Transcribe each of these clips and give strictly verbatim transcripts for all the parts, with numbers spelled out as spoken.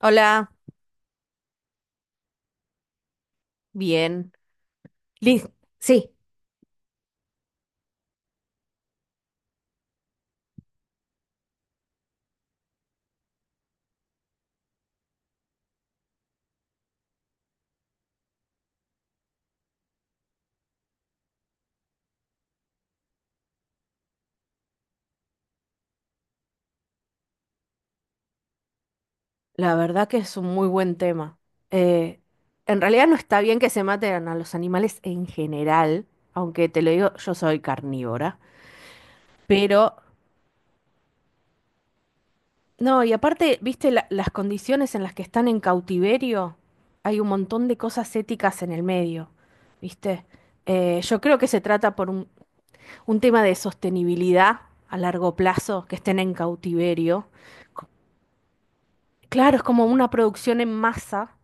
Hola, bien. Liz, sí, la verdad que es un muy buen tema. Eh, en realidad no está bien que se maten a los animales en general, aunque te lo digo, yo soy carnívora. Pero no, y aparte, viste la- las condiciones en las que están en cautiverio, hay un montón de cosas éticas en el medio, viste. Eh, yo creo que se trata por un, un tema de sostenibilidad a largo plazo, que estén en cautiverio. Co- Claro, es como una producción en masa.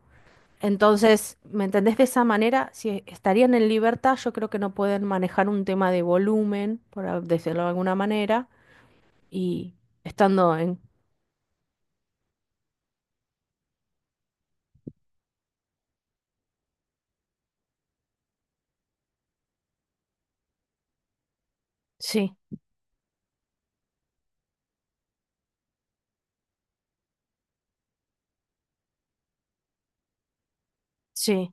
Entonces, ¿me entendés de esa manera? Si estarían en libertad, yo creo que no pueden manejar un tema de volumen, por a- decirlo de alguna manera, y estando en. Sí, sí.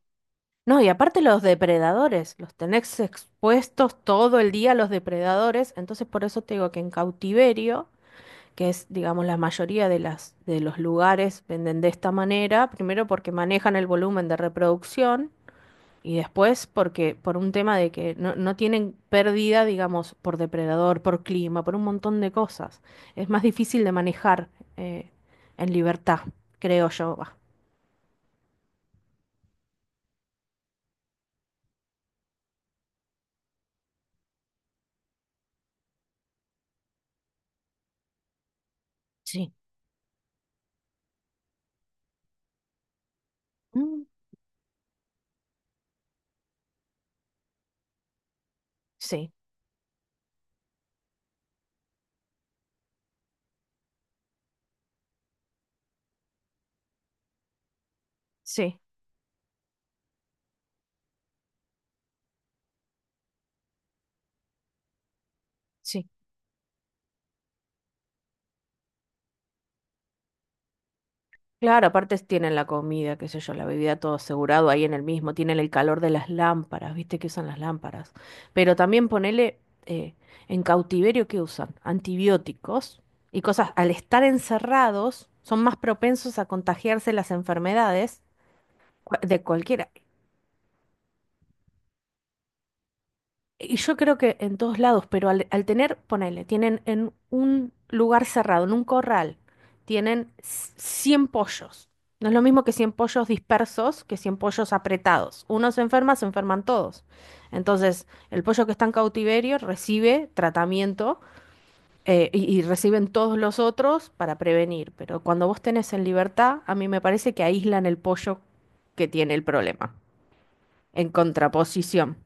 No, y aparte los depredadores, los tenés expuestos todo el día a los depredadores, entonces por eso te digo que en cautiverio, que es, digamos, la mayoría de las, de los lugares venden de esta manera, primero porque manejan el volumen de reproducción. Y después, porque por un tema de que no, no tienen pérdida, digamos, por depredador, por clima, por un montón de cosas. Es más difícil de manejar eh, en libertad, creo yo. Va. Sí. Mm, sí, sí, sí. Claro, aparte tienen la comida, qué sé yo, la bebida, todo asegurado ahí en el mismo, tienen el calor de las lámparas, viste que usan las lámparas. Pero también ponele eh, en cautiverio que usan antibióticos y cosas, al estar encerrados, son más propensos a contagiarse las enfermedades cua- de cualquiera. Y yo creo que en todos lados, pero al, al tener, ponele, tienen en un lugar cerrado, en un corral, tienen c- cien pollos. No es lo mismo que cien pollos dispersos que cien pollos apretados. Uno se enferma, se enferman todos. Entonces, el pollo que está en cautiverio recibe tratamiento eh, y, y reciben todos los otros para prevenir. Pero cuando vos tenés en libertad, a mí me parece que aíslan el pollo que tiene el problema, en contraposición.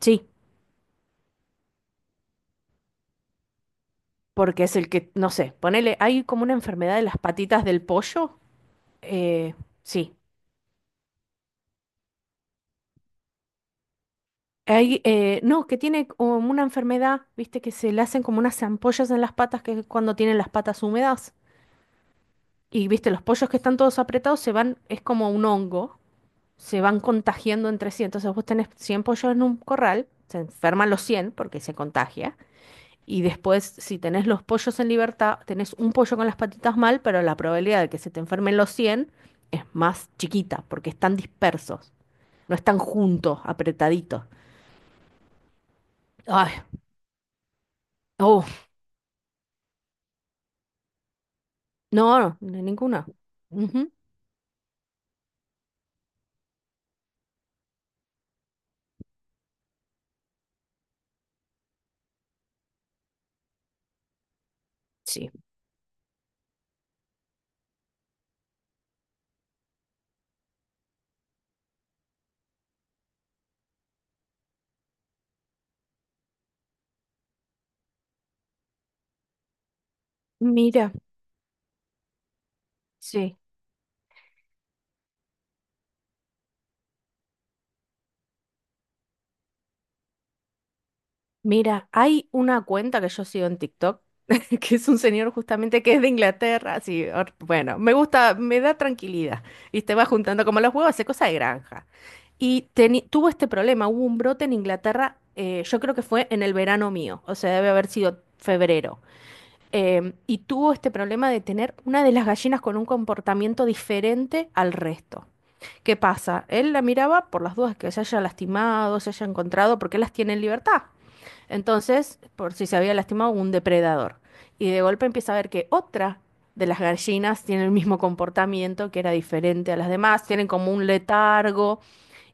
Sí. Porque es el que, no sé, ponele, hay como una enfermedad de las patitas del pollo. eh, sí. Hay, eh, no, que tiene como una enfermedad, viste, que se le hacen como unas ampollas en las patas, que es cuando tienen las patas húmedas. Y viste, los pollos que están todos apretados se van, es como un hongo, se van contagiando entre sí. Entonces vos tenés cien pollos en un corral, se enferman los cien porque se contagia. Y después, si tenés los pollos en libertad, tenés un pollo con las patitas mal, pero la probabilidad de que se te enfermen los cien es más chiquita, porque están dispersos, no están juntos, apretaditos. Ay, oh, no, no, ninguna. Ujú. Sí. Mira, sí. Mira, hay una cuenta que yo sigo en TikTok, que es un señor justamente que es de Inglaterra, así, or- bueno, me gusta, me da tranquilidad, y te va juntando como los huevos, hace cosa de granja. Y teni- tuvo este problema, hubo un brote en Inglaterra. Eh, yo creo que fue en el verano mío, o sea, debe haber sido febrero. Em, y tuvo este problema de tener una de las gallinas con un comportamiento diferente al resto. ¿Qué pasa? Él la miraba por las dudas que se haya lastimado, se haya encontrado, porque él las tiene en libertad. Entonces, por si se había lastimado, un depredador. Y de golpe empieza a ver que otra de las gallinas tiene el mismo comportamiento, que era diferente a las demás, tienen como un letargo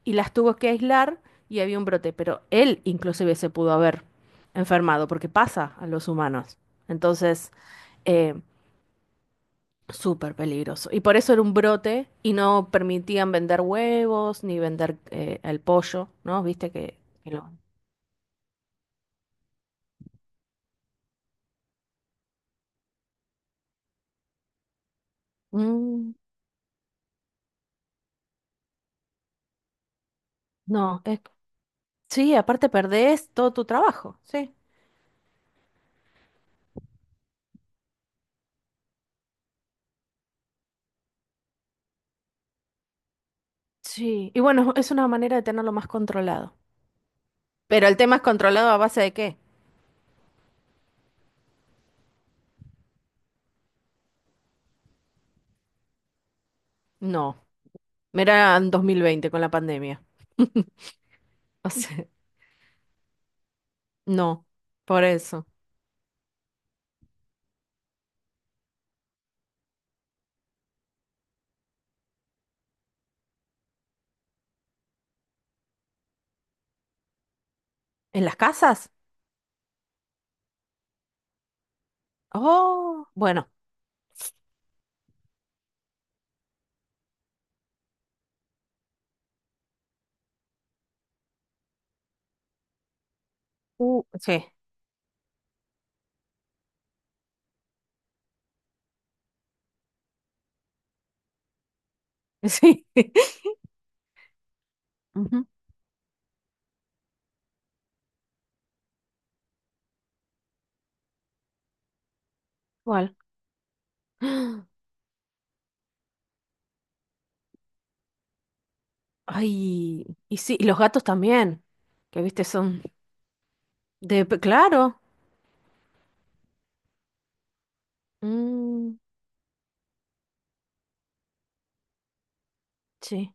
y las tuvo que aislar y había un brote. Pero él inclusive se pudo haber enfermado, porque pasa a los humanos. Entonces, eh, súper peligroso. Y por eso era un brote y no permitían vender huevos ni vender eh, el pollo, ¿no? Viste que. que lo- Mm, no, es sí, aparte perdés todo tu trabajo, sí. Sí, y bueno, es una manera de tenerlo más controlado. ¿Pero el tema es controlado a base de qué? No, mira en dos mil veinte con la pandemia. O sea, no, por eso. ¿En las casas? Oh, bueno. Uh, sí, sí. Ujú. Igual. Ay, y sí, y los gatos también, que viste, son de. pe- Claro. Mm, sí,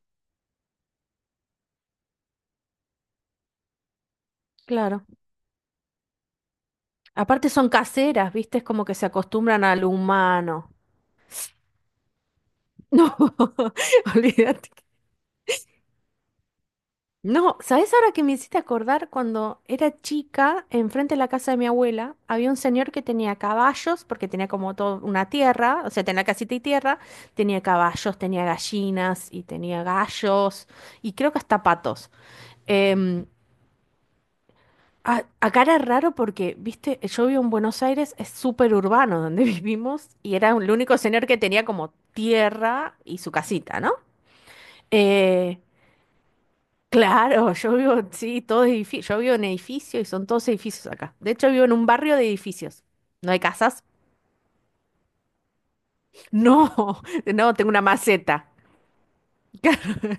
claro. Aparte son caseras, ¿viste? Es como que se acostumbran al humano. No, olvídate. No, ¿sabés? Ahora que me hiciste acordar, cuando era chica, enfrente de la casa de mi abuela había un señor que tenía caballos, porque tenía como toda una tierra, o sea, tenía casita y tierra, tenía caballos, tenía gallinas y tenía gallos y creo que hasta patos. Em, A- acá era raro porque, viste, yo vivo en Buenos Aires, es súper urbano donde vivimos y era el único señor que tenía como tierra y su casita, ¿no? Eh, claro, yo vivo, sí, todo edificio, yo vivo en edificio y son todos edificios acá. De hecho, vivo en un barrio de edificios. ¿No hay casas? No, no, tengo una maceta.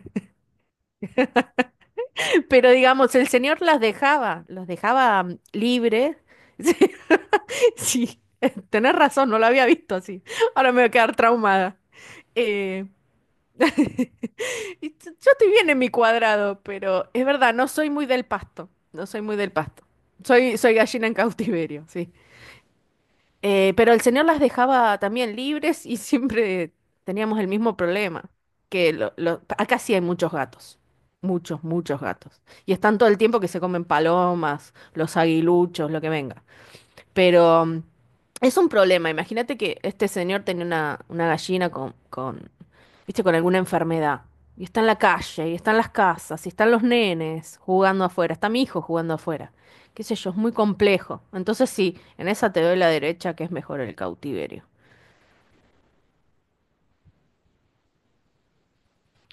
Pero digamos, el señor las dejaba, los dejaba mm, libres. Sí, tenés razón, no lo había visto así. Ahora me voy a quedar traumada. Eh, y t- Yo estoy bien en mi cuadrado, pero es verdad, no soy muy del pasto. No soy muy del pasto. Soy, soy gallina en cautiverio, sí. Eh, pero el señor las dejaba también libres y siempre teníamos el mismo problema. Que lo- lo- acá sí hay muchos gatos. Muchos, muchos gatos. Y están todo el tiempo que se comen palomas, los aguiluchos, lo que venga. Pero mm, es un problema. Imagínate que este señor tenía una, una, gallina con, con, viste, con alguna enfermedad. Y está en la calle, y está en las casas, y están los nenes jugando afuera, está mi hijo jugando afuera. Qué sé yo, es muy complejo. Entonces sí, en esa te doy la derecha que es mejor el cautiverio.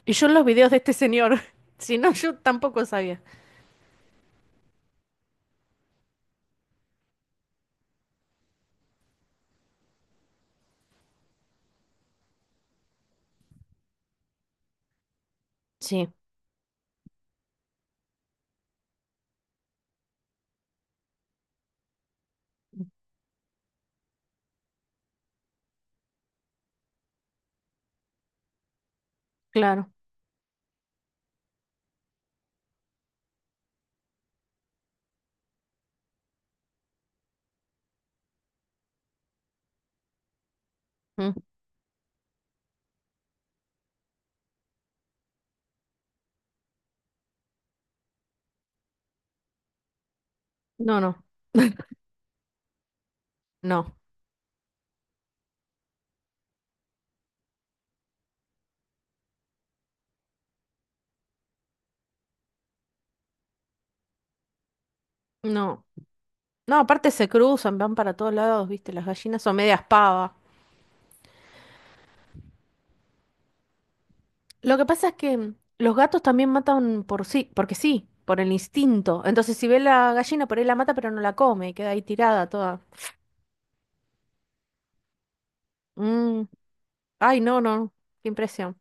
Y yo en los videos de este señor, si no, yo tampoco sabía. Sí, claro. Mm. No, no, no, no. No, aparte se cruzan, van para todos lados, viste, las gallinas son medias pavas. Lo que pasa es que mm, los gatos también matan por sí, porque sí, por el instinto. Entonces, si ve la gallina, por ahí la mata, pero no la come y queda ahí tirada toda. Mm, ay, no, no. Qué impresión.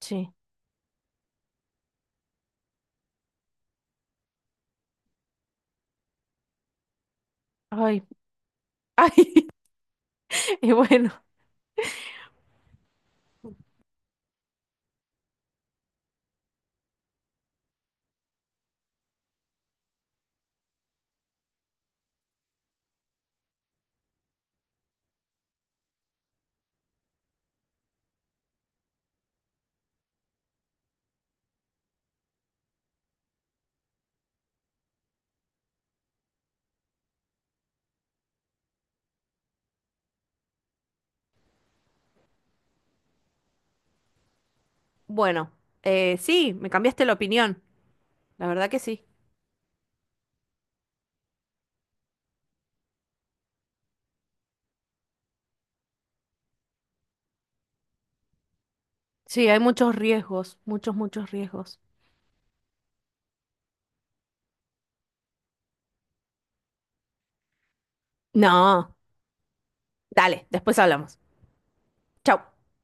Sí. Ay, ay. Y bueno. Bueno, eh, sí, me cambiaste la opinión. La verdad que sí. Sí, hay muchos riesgos, muchos, muchos riesgos. No, dale, después hablamos. Chau.